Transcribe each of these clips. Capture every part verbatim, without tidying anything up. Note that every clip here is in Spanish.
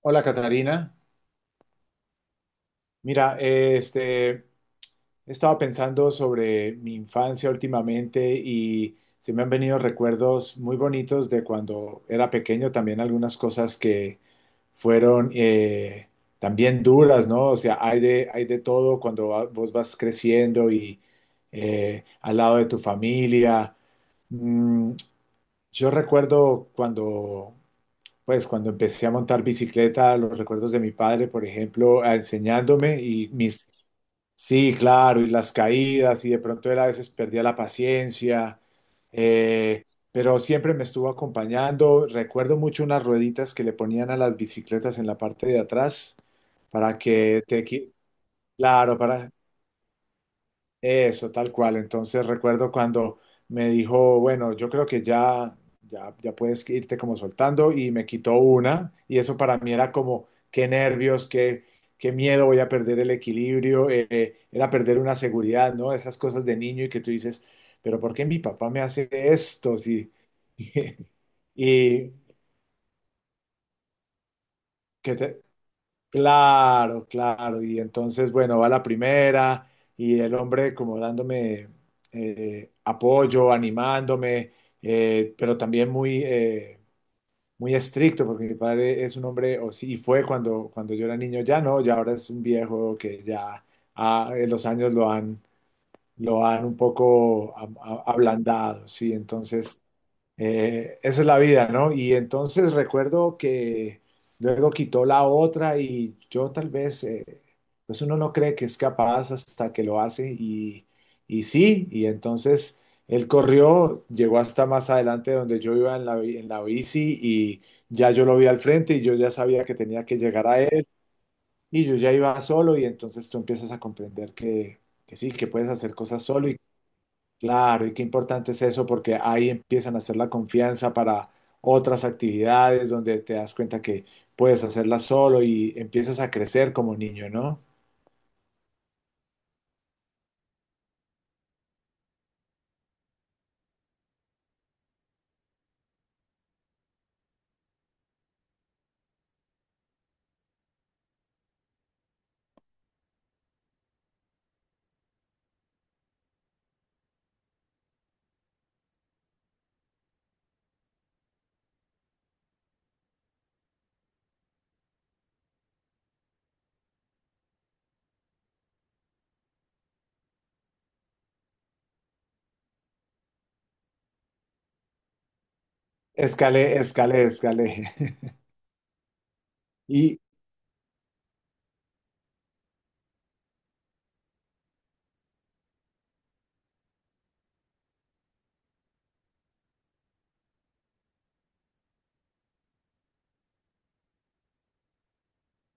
Hola, Catarina. Mira, eh, este, estaba pensando sobre mi infancia últimamente y se me han venido recuerdos muy bonitos de cuando era pequeño, también algunas cosas que fueron eh, también duras, ¿no? O sea, hay de, hay de todo cuando va- vos vas creciendo y eh, al lado de tu familia. Mm, yo recuerdo cuando Pues cuando empecé a montar bicicleta, los recuerdos de mi padre, por ejemplo, a- enseñándome y mis, sí, claro, y las caídas, y de pronto él a veces perdía la paciencia, eh, pero siempre me estuvo acompañando. Recuerdo mucho unas rueditas que le ponían a las bicicletas en la parte de atrás para que te, qui- Claro, para, eso, tal cual. Entonces recuerdo cuando me dijo, bueno, yo creo que ya, ya, ya puedes irte como soltando y me quitó una y eso para mí era como, qué nervios, qué, qué miedo, voy a perder el equilibrio, eh, eh, era perder una seguridad, ¿no? Esas cosas de niño y que tú dices, pero ¿por qué mi papá me hace esto? Si- Y, que te- Claro, claro. Y entonces, bueno, va la primera y el hombre como dándome eh, apoyo, animándome, eh, pero también muy, eh, muy estricto, porque mi padre es un hombre, o sí, y fue cuando, cuando yo era niño, ya no, ya ahora es un viejo que ya ah, eh, los años lo han, lo han un poco a- a- ablandado, sí. Entonces, eh, esa es la vida, ¿no? Y entonces recuerdo que luego quitó la otra y yo tal vez, eh, pues uno no cree que es capaz hasta que lo hace y, y sí, y entonces él corrió, llegó hasta más adelante donde yo iba en la, bi- en la bici y ya yo lo vi al frente y yo ya sabía que tenía que llegar a él y yo ya iba solo y entonces tú empiezas a comprender que, que sí, que puedes hacer cosas solo. Claro, y qué importante es eso porque ahí empiezan a hacer la confianza para otras actividades donde te das cuenta que puedes hacerlas solo y empiezas a crecer como niño, ¿no? Escalé, escalé, escalé. Y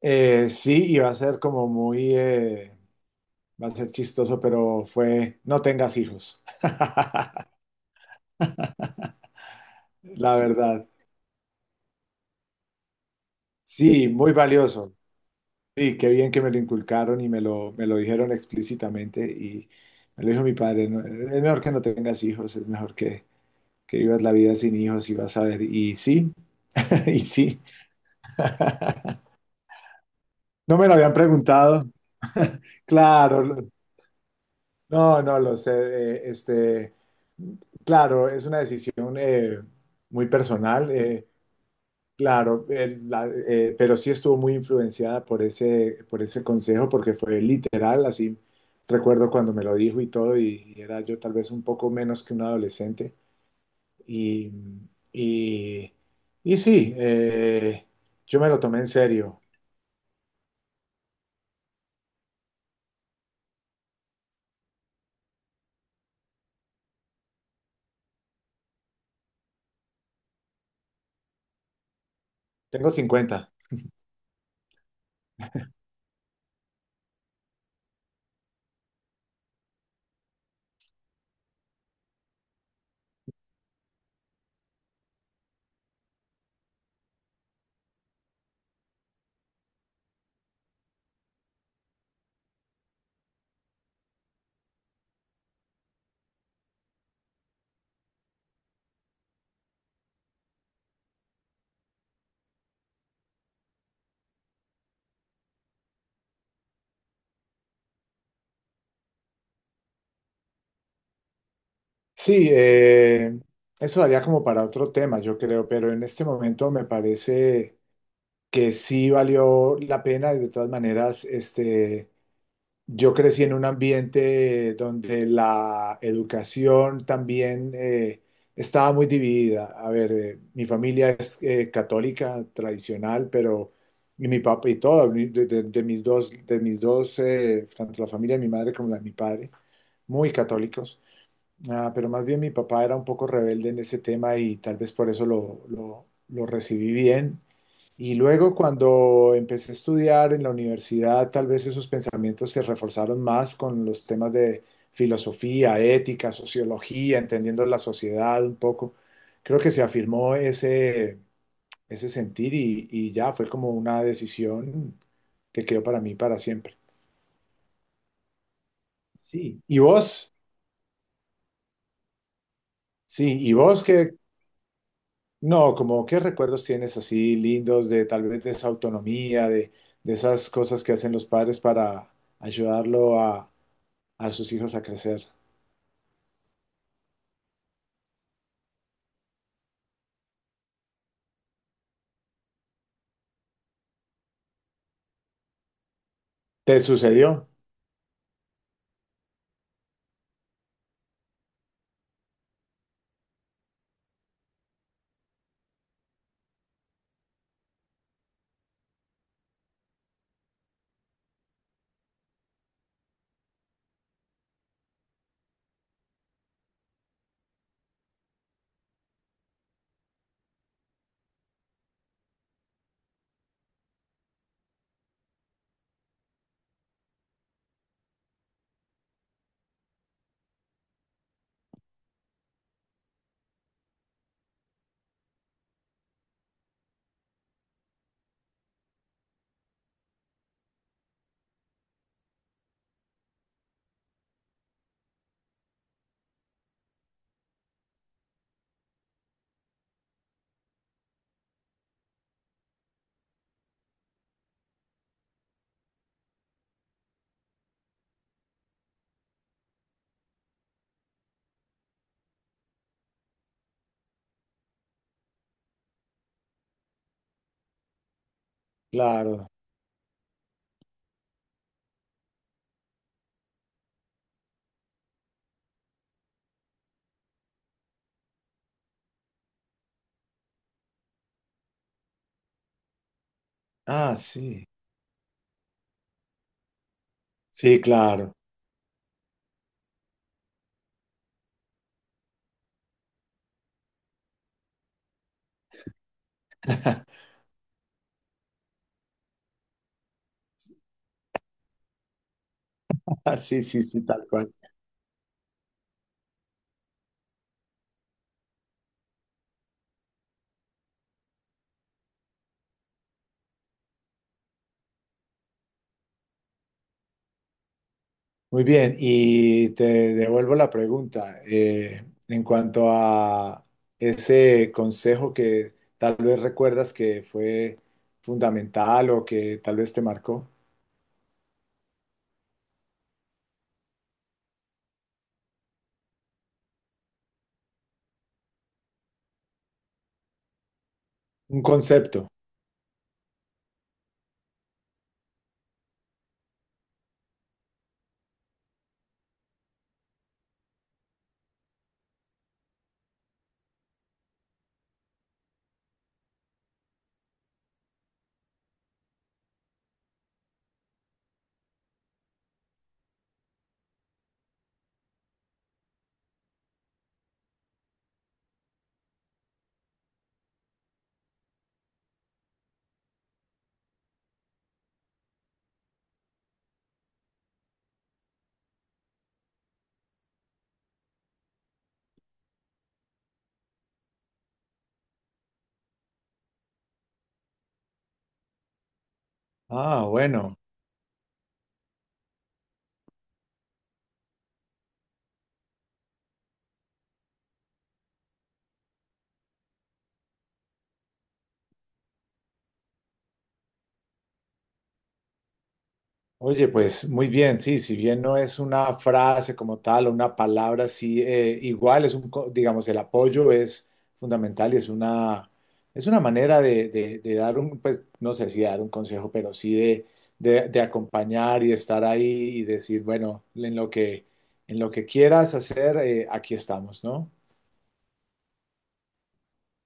eh, sí, y va a ser como muy, eh, va a ser chistoso, pero fue, no tengas hijos, la verdad. Sí, muy valioso. Sí, qué bien que me lo inculcaron y me lo, me lo dijeron explícitamente y me lo dijo mi padre, "No, es mejor que no tengas hijos, es mejor que, que vivas la vida sin hijos y vas a ver. Y sí, y sí, no me lo habían preguntado, claro, lo- no, no lo sé, eh, este, claro, es una decisión eh, muy personal, eh, claro, el- la- eh, pero sí estuvo muy influenciada por ese, por ese consejo, porque fue literal, así recuerdo cuando me lo dijo y todo, y, y era yo tal vez un poco menos que un adolescente. Y, y, y sí, eh, yo me lo tomé en serio. Tengo cincuenta. Sí, eh, eso daría como para otro tema, yo creo, pero en este momento me parece que sí valió la pena y de todas maneras, este... Yo crecí en un ambiente donde la educación también eh, estaba muy dividida. A ver, eh, mi familia es eh, católica tradicional, pero y mi papá y todo, mi- de, de- de mis dos, de mis dos, eh, tanto la familia de mi madre como la de mi padre, muy católicos. Ah, pero más bien mi papá era un poco rebelde en ese tema y tal vez por eso lo, lo, lo recibí bien. Y luego cuando empecé a estudiar en la universidad, tal vez esos pensamientos se reforzaron más con los temas de filosofía, ética, sociología, entendiendo la sociedad un poco. Creo que se afirmó ese, ese sentir y, y ya fue como una decisión que quedó para mí para siempre. Sí. ¿Y vos? Sí, ¿y vos qué, No, como qué recuerdos tienes así lindos de tal vez de esa autonomía, de, de esas cosas que hacen los padres para ayudarlo a, a sus hijos a crecer. ¿Te sucedió? Claro. Ah, sí. Sí, claro. Ah, sí, sí, sí, tal cual. Muy bien, y te devuelvo la pregunta eh, en cuanto a ese consejo que tal vez recuerdas que fue fundamental o que tal vez te marcó. Un concepto. Ah, bueno. Oye, pues muy bien, sí, si bien no es una frase como tal o una palabra, sí, eh, igual es un, co- digamos, el apoyo es fundamental y es una, es una manera de de- de dar un, pues, no sé si dar un consejo, pero sí de, de- de acompañar y estar ahí y decir, bueno, en lo que, en lo que quieras hacer, eh, aquí estamos, ¿no?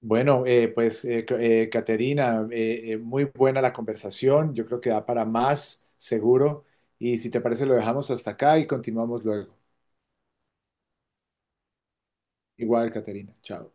Bueno, eh, pues eh, C- eh, Caterina, eh, eh, muy buena la conversación, yo creo que da para más, seguro, y si te parece lo dejamos hasta acá y continuamos luego. Igual, Caterina, chao.